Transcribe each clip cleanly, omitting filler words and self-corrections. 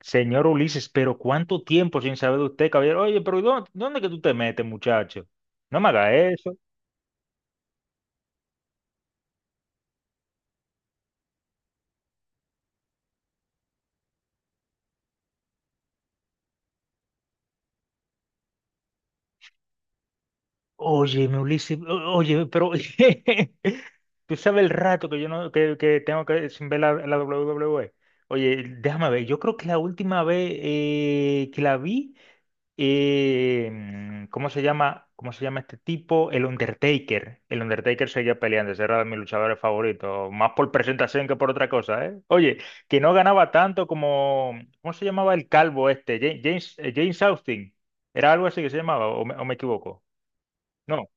Señor Ulises, pero ¿cuánto tiempo sin saber de usted, caballero? Oye, pero ¿dónde que tú te metes, muchacho? No me haga eso. Oye, Ulises, oye, pero tú sabes el rato que yo no que, que tengo que sin ver la WWE. Oye, déjame ver, yo creo que la última vez que la vi. ¿Cómo se llama? ¿Cómo se llama este tipo? El Undertaker. El Undertaker seguía peleando, ese era de mis luchadores favoritos, más por presentación que por otra cosa, ¿eh? Oye, que no ganaba tanto como, ¿cómo se llamaba el calvo este? James, James Austin. ¿Era algo así que se llamaba o me equivoco? No,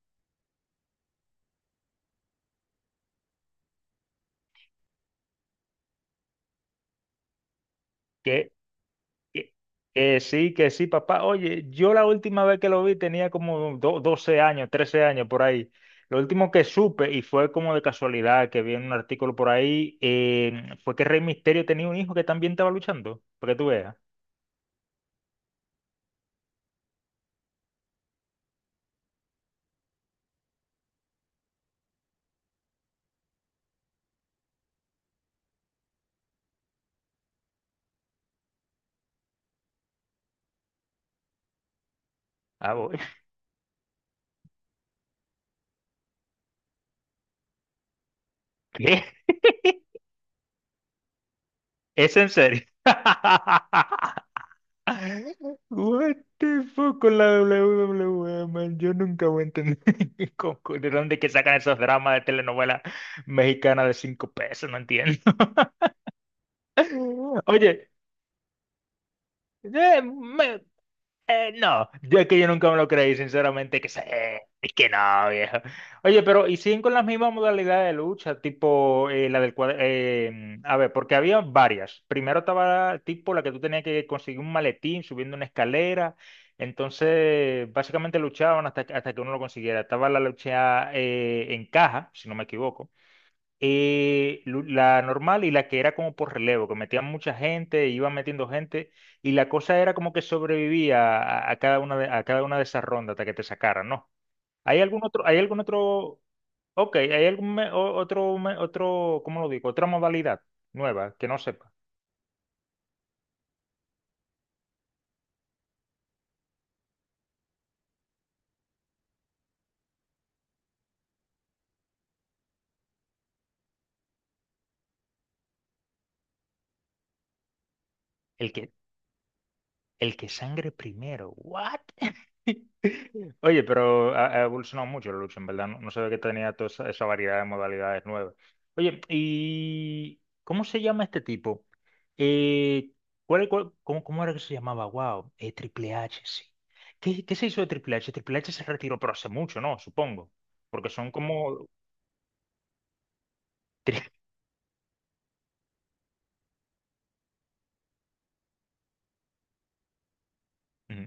que Que, que sí, papá. Oye, yo la última vez que lo vi tenía como 12 años, 13 años por ahí. Lo último que supe, y fue como de casualidad que vi en un artículo por ahí, fue que Rey Misterio tenía un hijo que también estaba luchando, para que tú veas. Ah, voy. ¿Qué? ¿Es en serio? What the fuck con la WWE, man. Yo nunca voy a entender de dónde que sacan esos dramas de telenovela mexicana de cinco pesos, no entiendo. Oye, eh, me- no, yo es que yo nunca me lo creí, sinceramente, es que no, viejo. Oye, pero y siguen con las mismas modalidades de lucha, tipo la del cuadro, a ver, porque había varias. Primero estaba tipo la que tú tenías que conseguir un maletín subiendo una escalera, entonces básicamente luchaban hasta que uno lo consiguiera. Estaba la lucha en caja, si no me equivoco. La normal y la que era como por relevo, que metían mucha gente, iban metiendo gente, y la cosa era como que sobrevivía a cada una a cada una de esas rondas hasta que te sacaran, ¿no? Hay algún otro, ok, hay algún me- o- otro, me- otro, ¿cómo lo digo? Otra modalidad nueva que no sepa. El que, El que sangre primero. ¿What? Oye, pero ha evolucionado mucho la lucha, en verdad. No, no sabía que tenía toda esa variedad de modalidades nuevas. Oye, ¿y cómo se llama este tipo? Eh, ¿Cómo, cómo era que se llamaba? Wow, Triple H, sí. ¿Qué, qué se hizo de Triple H? Triple H se retiró, pero hace mucho, ¿no? Supongo. Porque son como… Ujú.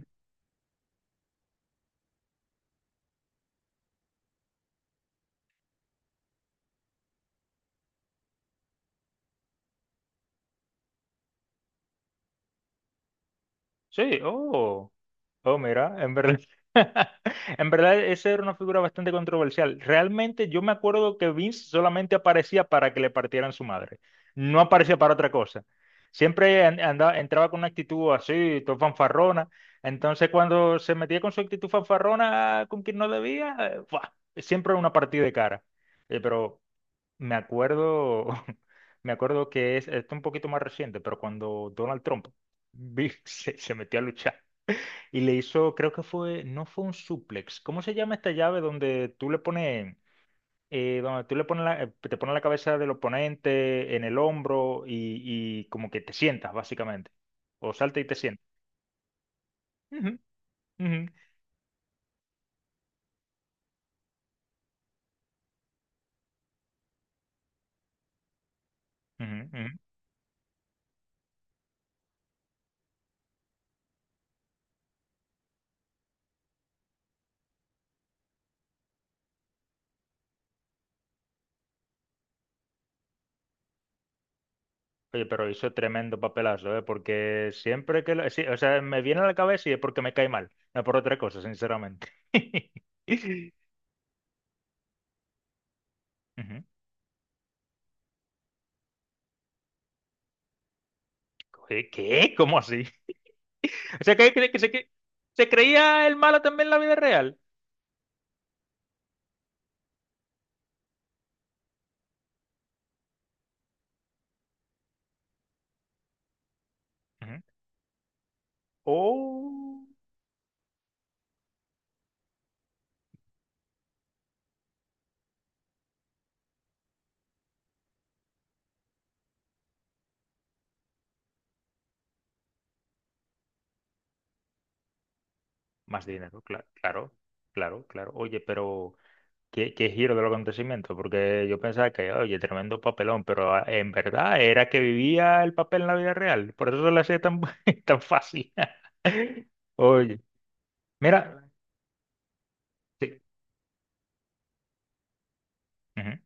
Sí, oh. Oh, mira, en verdad, en verdad esa era una figura bastante controversial. Realmente yo me acuerdo que Vince solamente aparecía para que le partieran su madre. No aparecía para otra cosa. Siempre andaba, entraba con una actitud así, todo fanfarrona. Entonces cuando se metía con su actitud fanfarrona con quien no debía, ¡fua! Siempre era una partida de cara. Pero me acuerdo, me acuerdo que esto es un poquito más reciente, pero cuando Donald Trump se metió a luchar. Y le hizo, creo que fue, no fue un suplex. ¿Cómo se llama esta llave donde tú le pones, te pones la cabeza del oponente en el hombro y como que te sientas, básicamente? O salta y te sientas. Ujú, ujú, ujú, ujú. Oye, pero hizo tremendo papelazo, ¿eh? Porque siempre que lo, sí, o sea, me viene a la cabeza y es porque me cae mal, no por otra cosa, sinceramente. Ujú. Oye, ¿qué? ¿Cómo así? O sea, que se creía el malo también en la vida real. Ujú. O más dinero, claro, claro, claro. Oye, pero ¿qué, qué giro del acontecimiento? Porque yo pensaba que, oye, tremendo papelón, pero ah, en verdad era que vivía el papel en la vida real. Por eso se le hacía tan, tan fácil. Oye, mira, sí, ujú,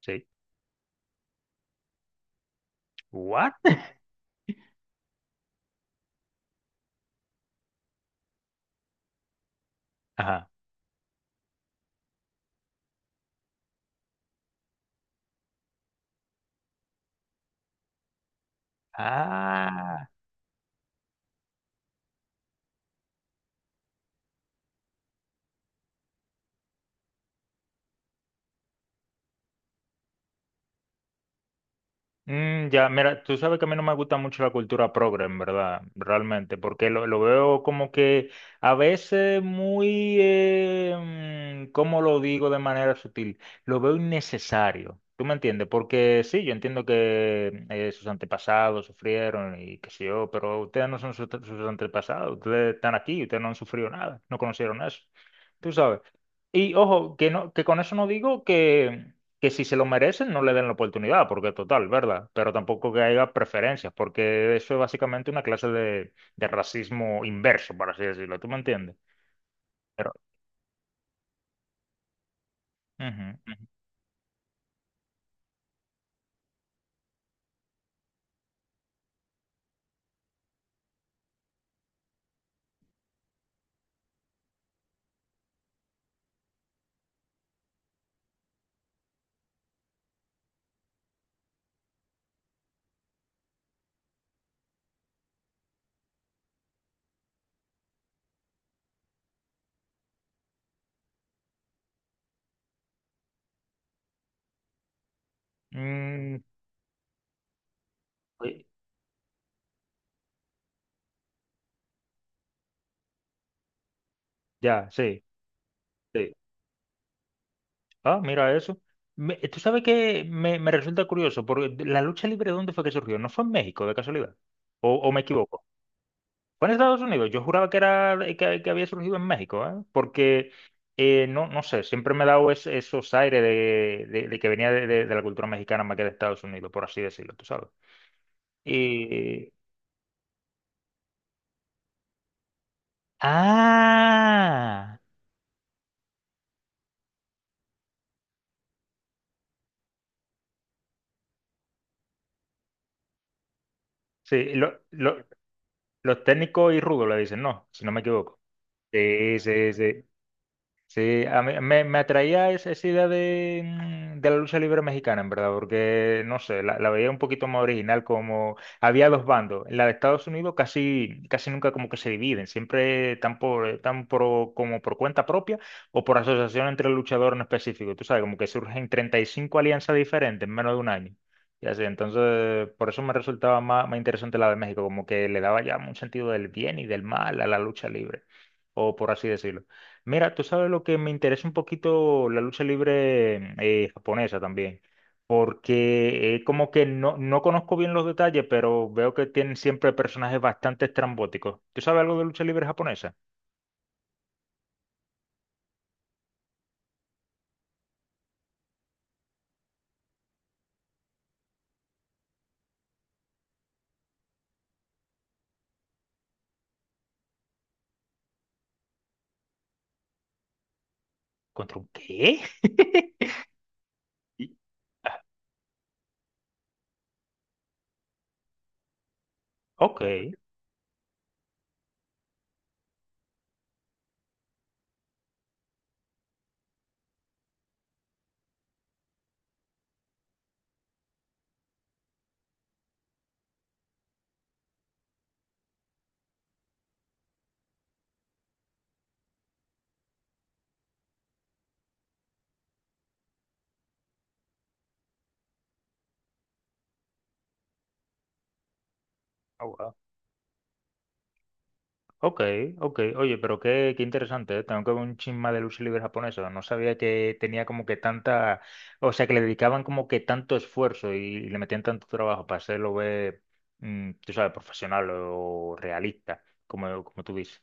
sí. ¿What? Ajá. Ah. Mm, ya, mira, tú sabes que a mí no me gusta mucho la cultura progre, en verdad, realmente, porque lo veo como que a veces muy, ¿cómo lo digo de manera sutil? Lo veo innecesario, ¿tú me entiendes? Porque sí, yo entiendo que sus antepasados sufrieron y qué sé yo, pero ustedes no son sus antepasados, ustedes están aquí, ustedes no han sufrido nada, no conocieron eso, tú sabes. Y ojo, no, que con eso no digo que si se lo merecen no le den la oportunidad, porque total, ¿verdad? Pero tampoco que haya preferencias, porque eso es básicamente una clase de racismo inverso, por así decirlo, ¿tú me entiendes? Pero, ujú, ujú. Mm, sí, ya, sí, sí. Ah, mira eso. Tú sabes que me resulta curioso, porque la lucha libre, ¿dónde fue que surgió? ¿No fue en México, de casualidad? O me equivoco? Fue en Estados Unidos. Yo juraba que era que había surgido en México, ¿eh? Porque no, no sé, siempre me he dado esos aires de que venía de la cultura mexicana más que de Estados Unidos, por así decirlo, tú sabes. Y. ¡Ah! Sí, los técnicos y rudos le dicen, no, si no me equivoco. Sí, sí, sí. Sí, a mí me atraía esa idea de, de la lucha libre mexicana, en verdad, porque no sé, la veía un poquito más original, como había dos bandos. En la de Estados Unidos casi, casi nunca como que se dividen, siempre tan por, están por- como por cuenta propia o por asociación entre luchadores en específico. Tú sabes, como que surgen 35 alianzas diferentes en menos de un año. Y así, entonces, por eso me resultaba más, más interesante la de México, como que le daba ya un sentido del bien y del mal a la lucha libre, o por así decirlo. Mira, tú sabes lo que me interesa un poquito la lucha libre japonesa también, porque como que no, no conozco bien los detalles, pero veo que tienen siempre personajes bastante estrambóticos. ¿Tú sabes algo de lucha libre japonesa? ¿Contra un qué? Y- ah. Ok. Ok, ok. Oye, pero qué, qué interesante, ¿eh? Tengo que ver un chin más de lucha libre japonesa. No sabía que tenía como que tanta, o sea, que le dedicaban como que tanto esfuerzo y le metían tanto trabajo para hacerlo ver, tú sabes, profesional o realista, como, como tú dices.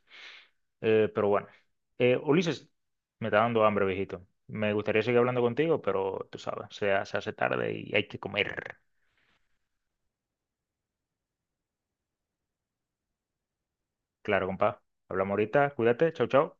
Pero bueno, Ulises, me está dando hambre, viejito. Me gustaría seguir hablando contigo, pero tú sabes, se hace tarde y hay que comer. Claro, compa. Hablamos ahorita, cuídate, chau, chau.